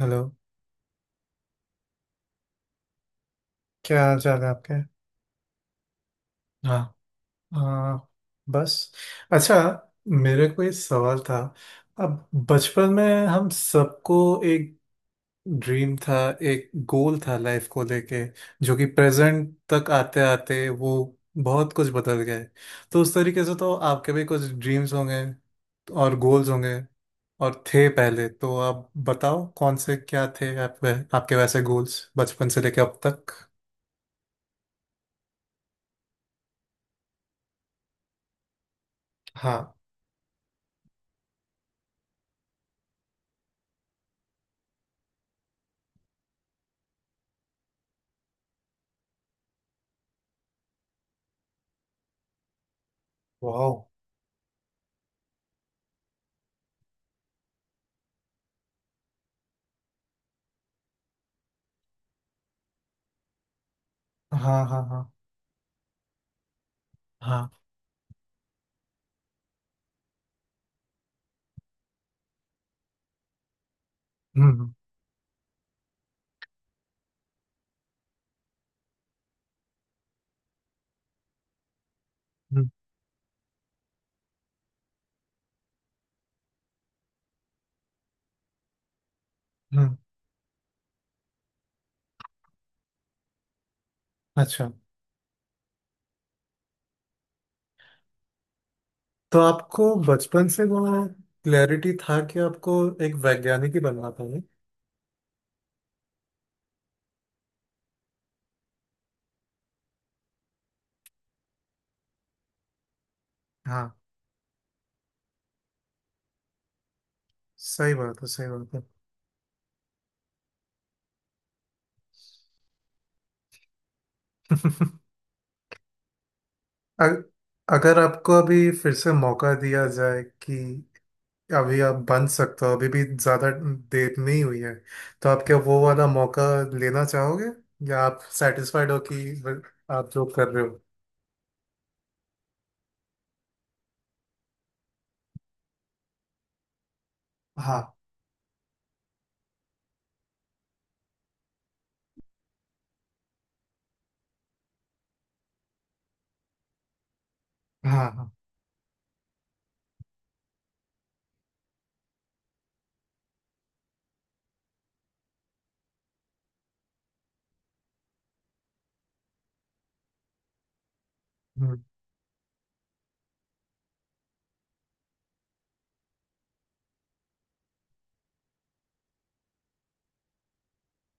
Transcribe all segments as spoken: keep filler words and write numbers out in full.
Hello. क्या हाल चाल है आपके? हाँ। आ, बस। अच्छा, मेरे को एक सवाल था। अब बचपन में हम सबको एक ड्रीम था, एक गोल था लाइफ को लेके, जो कि प्रेजेंट तक आते आते वो बहुत कुछ बदल गए। तो उस तरीके से तो आपके भी कुछ ड्रीम्स होंगे और गोल्स होंगे और थे, पहले तो आप बताओ कौन से क्या थे आप, आपके वैसे गोल्स बचपन से लेके अब तक। हाँ। वाह। हाँ हाँ हाँ हाँ। हम्म हम्म। हम्म, हम्म, अच्छा, तो आपको बचपन से वो क्लैरिटी था कि आपको एक वैज्ञानिक ही बनना था, नहीं? हाँ, सही बात है, सही बात है। अग- अगर आपको अभी फिर से मौका दिया जाए कि अभी आप बन सकते हो, अभी भी ज्यादा देर नहीं हुई है, तो आप क्या वो वाला मौका लेना चाहोगे या आप सेटिस्फाइड हो कि आप जो कर रहे हो? हाँ हाँ हाँ। हम्म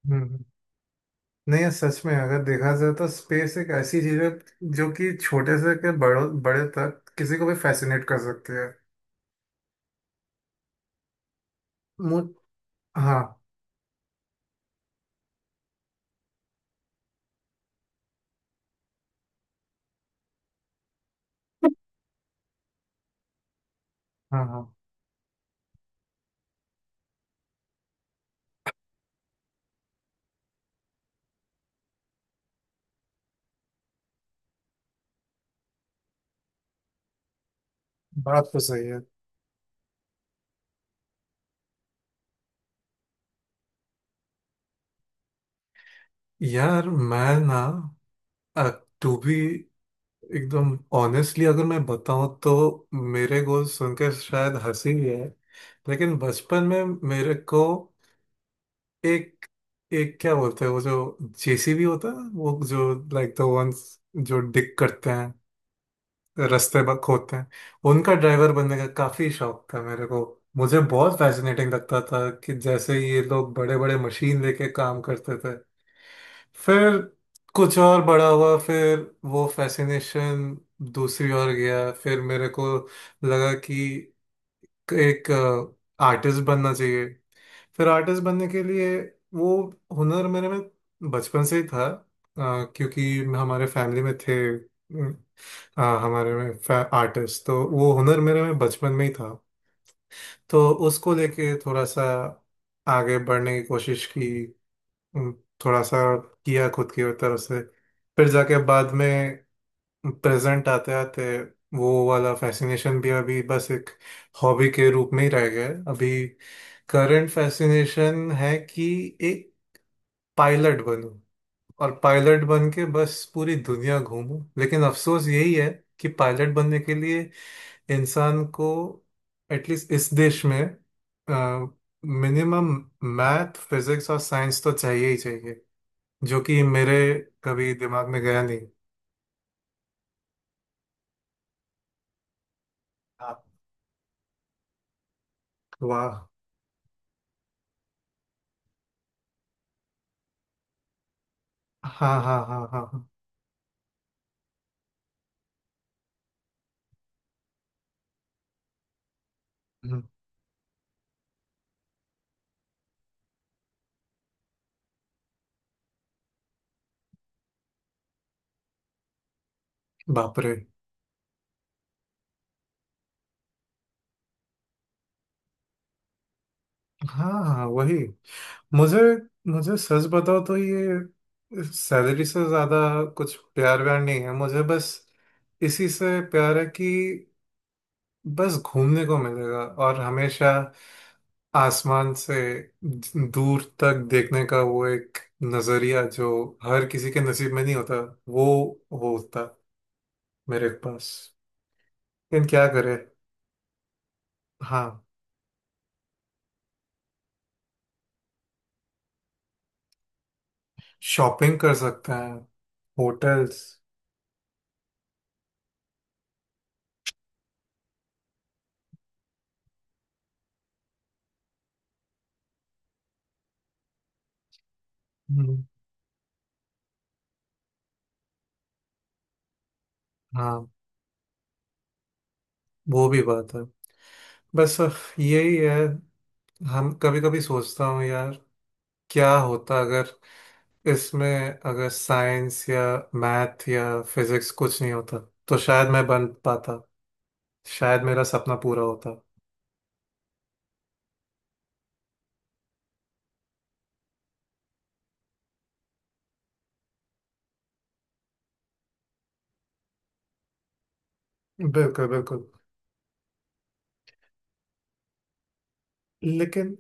हम्म। नहीं यार, सच में अगर देखा जाए तो स्पेस एक ऐसी चीज है जो कि छोटे से के बड़ों बड़े तक किसी को भी फैसिनेट कर सकती है। मु हाँ हाँ हाँ। बात तो सही है। यार मैं ना टू बी एकदम ऑनेस्टली अगर मैं बताऊं तो, मेरे गोल सुनकर शायद हंसी भी है, लेकिन बचपन में मेरे को एक, एक क्या बोलते हैं वो जो जेसीबी होता है वो, जो लाइक द वंस जो डिग करते हैं, रास्ते ब- खोदते हैं, उनका ड्राइवर बनने का काफी शौक था मेरे को। मुझे बहुत फैसिनेटिंग लगता था कि जैसे ये लोग बड़े बड़े मशीन लेके काम करते थे। फिर कुछ और बड़ा हुआ, फिर वो फैसिनेशन दूसरी ओर गया। फिर मेरे को लगा कि एक आर्टिस्ट बनना चाहिए। फिर आर्टिस्ट बनने के लिए वो हुनर मेरे में बचपन से ही था अ, क्योंकि हमारे फैमिली में थे, हाँ हमारे में आर्टिस्ट, तो वो हुनर मेरे में बचपन में ही था। तो उसको लेके थोड़ा सा आगे बढ़ने की कोशिश की, उम, थोड़ा सा किया खुद की तरफ से। फिर जाके बाद में प्रेजेंट आते आते वो वाला फैसिनेशन भी अभी बस एक हॉबी के रूप में ही रह गया है। अभी करंट फैसिनेशन है कि एक पायलट बनूं और पायलट बन के बस पूरी दुनिया घूमूं। लेकिन अफसोस यही है कि पायलट बनने के लिए इंसान को एटलीस्ट इस देश में मिनिमम मैथ फिजिक्स और साइंस तो चाहिए ही चाहिए, जो कि मेरे कभी दिमाग में गया नहीं। हाँ। वाह। हाँ हाँ हाँ हाँ हाँ। हम्म, बाप रे। हाँ हाँ हाँ, वही, मुझे, मुझे सच बताओ तो ये सैलरी से ज्यादा कुछ प्यार व्यार नहीं है मुझे। बस इसी से प्यार है कि बस घूमने को मिलेगा और हमेशा आसमान से दूर तक देखने का वो एक नजरिया जो हर किसी के नसीब में नहीं होता, वो वो होता मेरे पास। लेकिन क्या करे। हाँ। शॉपिंग कर सकते हैं, होटल्स। हम्म, हाँ, वो भी बात है। बस यही है। हम कभी कभी सोचता हूँ यार, क्या होता अगर इसमें अगर साइंस या मैथ या फिजिक्स कुछ नहीं होता, तो शायद मैं बन पाता, शायद मेरा सपना पूरा होता। बिल्कुल बिल्कुल। लेकिन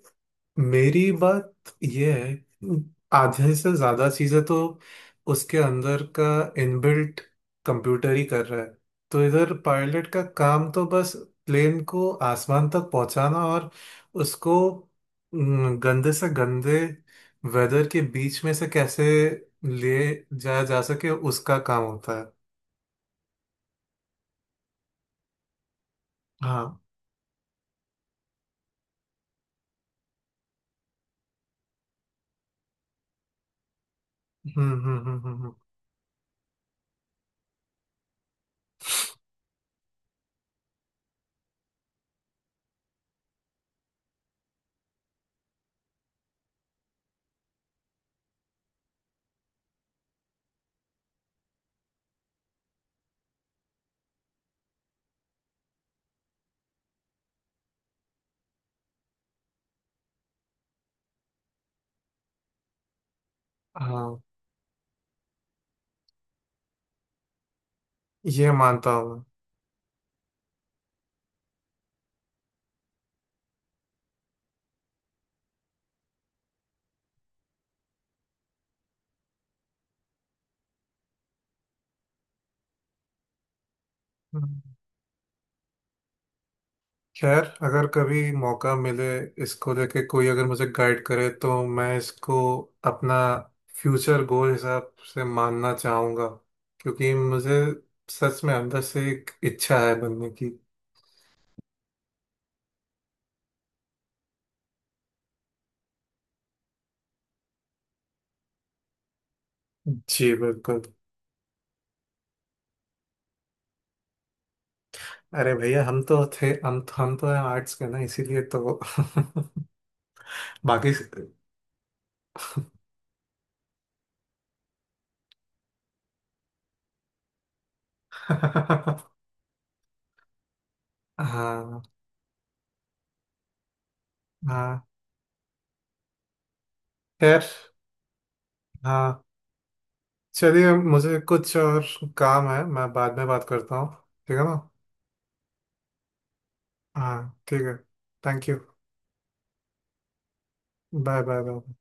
मेरी बात यह है, आधे से ज्यादा चीजें तो उसके अंदर का इनबिल्ट कंप्यूटर ही कर रहा है। तो इधर पायलट का काम तो बस प्लेन को आसमान तक पहुंचाना और उसको, हम्म, गंदे से गंदे वेदर के बीच में से कैसे ले जाया जा सके, उसका काम होता है। हाँ। हम्म हम्म हम्म हम्म हम्म, हाँ, ये मानता हूँ मैं। खैर, अगर कभी मौका मिले, इसको लेके कोई अगर मुझे गाइड करे, तो मैं इसको अपना फ्यूचर गोल हिसाब से मानना चाहूँगा, क्योंकि मुझे सच में अंदर से एक इच्छा है बनने की। जी बिल्कुल। अरे भैया, हम तो थे, हम हम तो हैं आर्ट्स के ना, इसीलिए तो। बाकी हाँ हाँ। खैर, हाँ, चलिए, मुझे कुछ और काम है, मैं बाद में बात करता हूँ, ठीक है ना? हाँ, ठीक है। Thank you. Bye bye bye.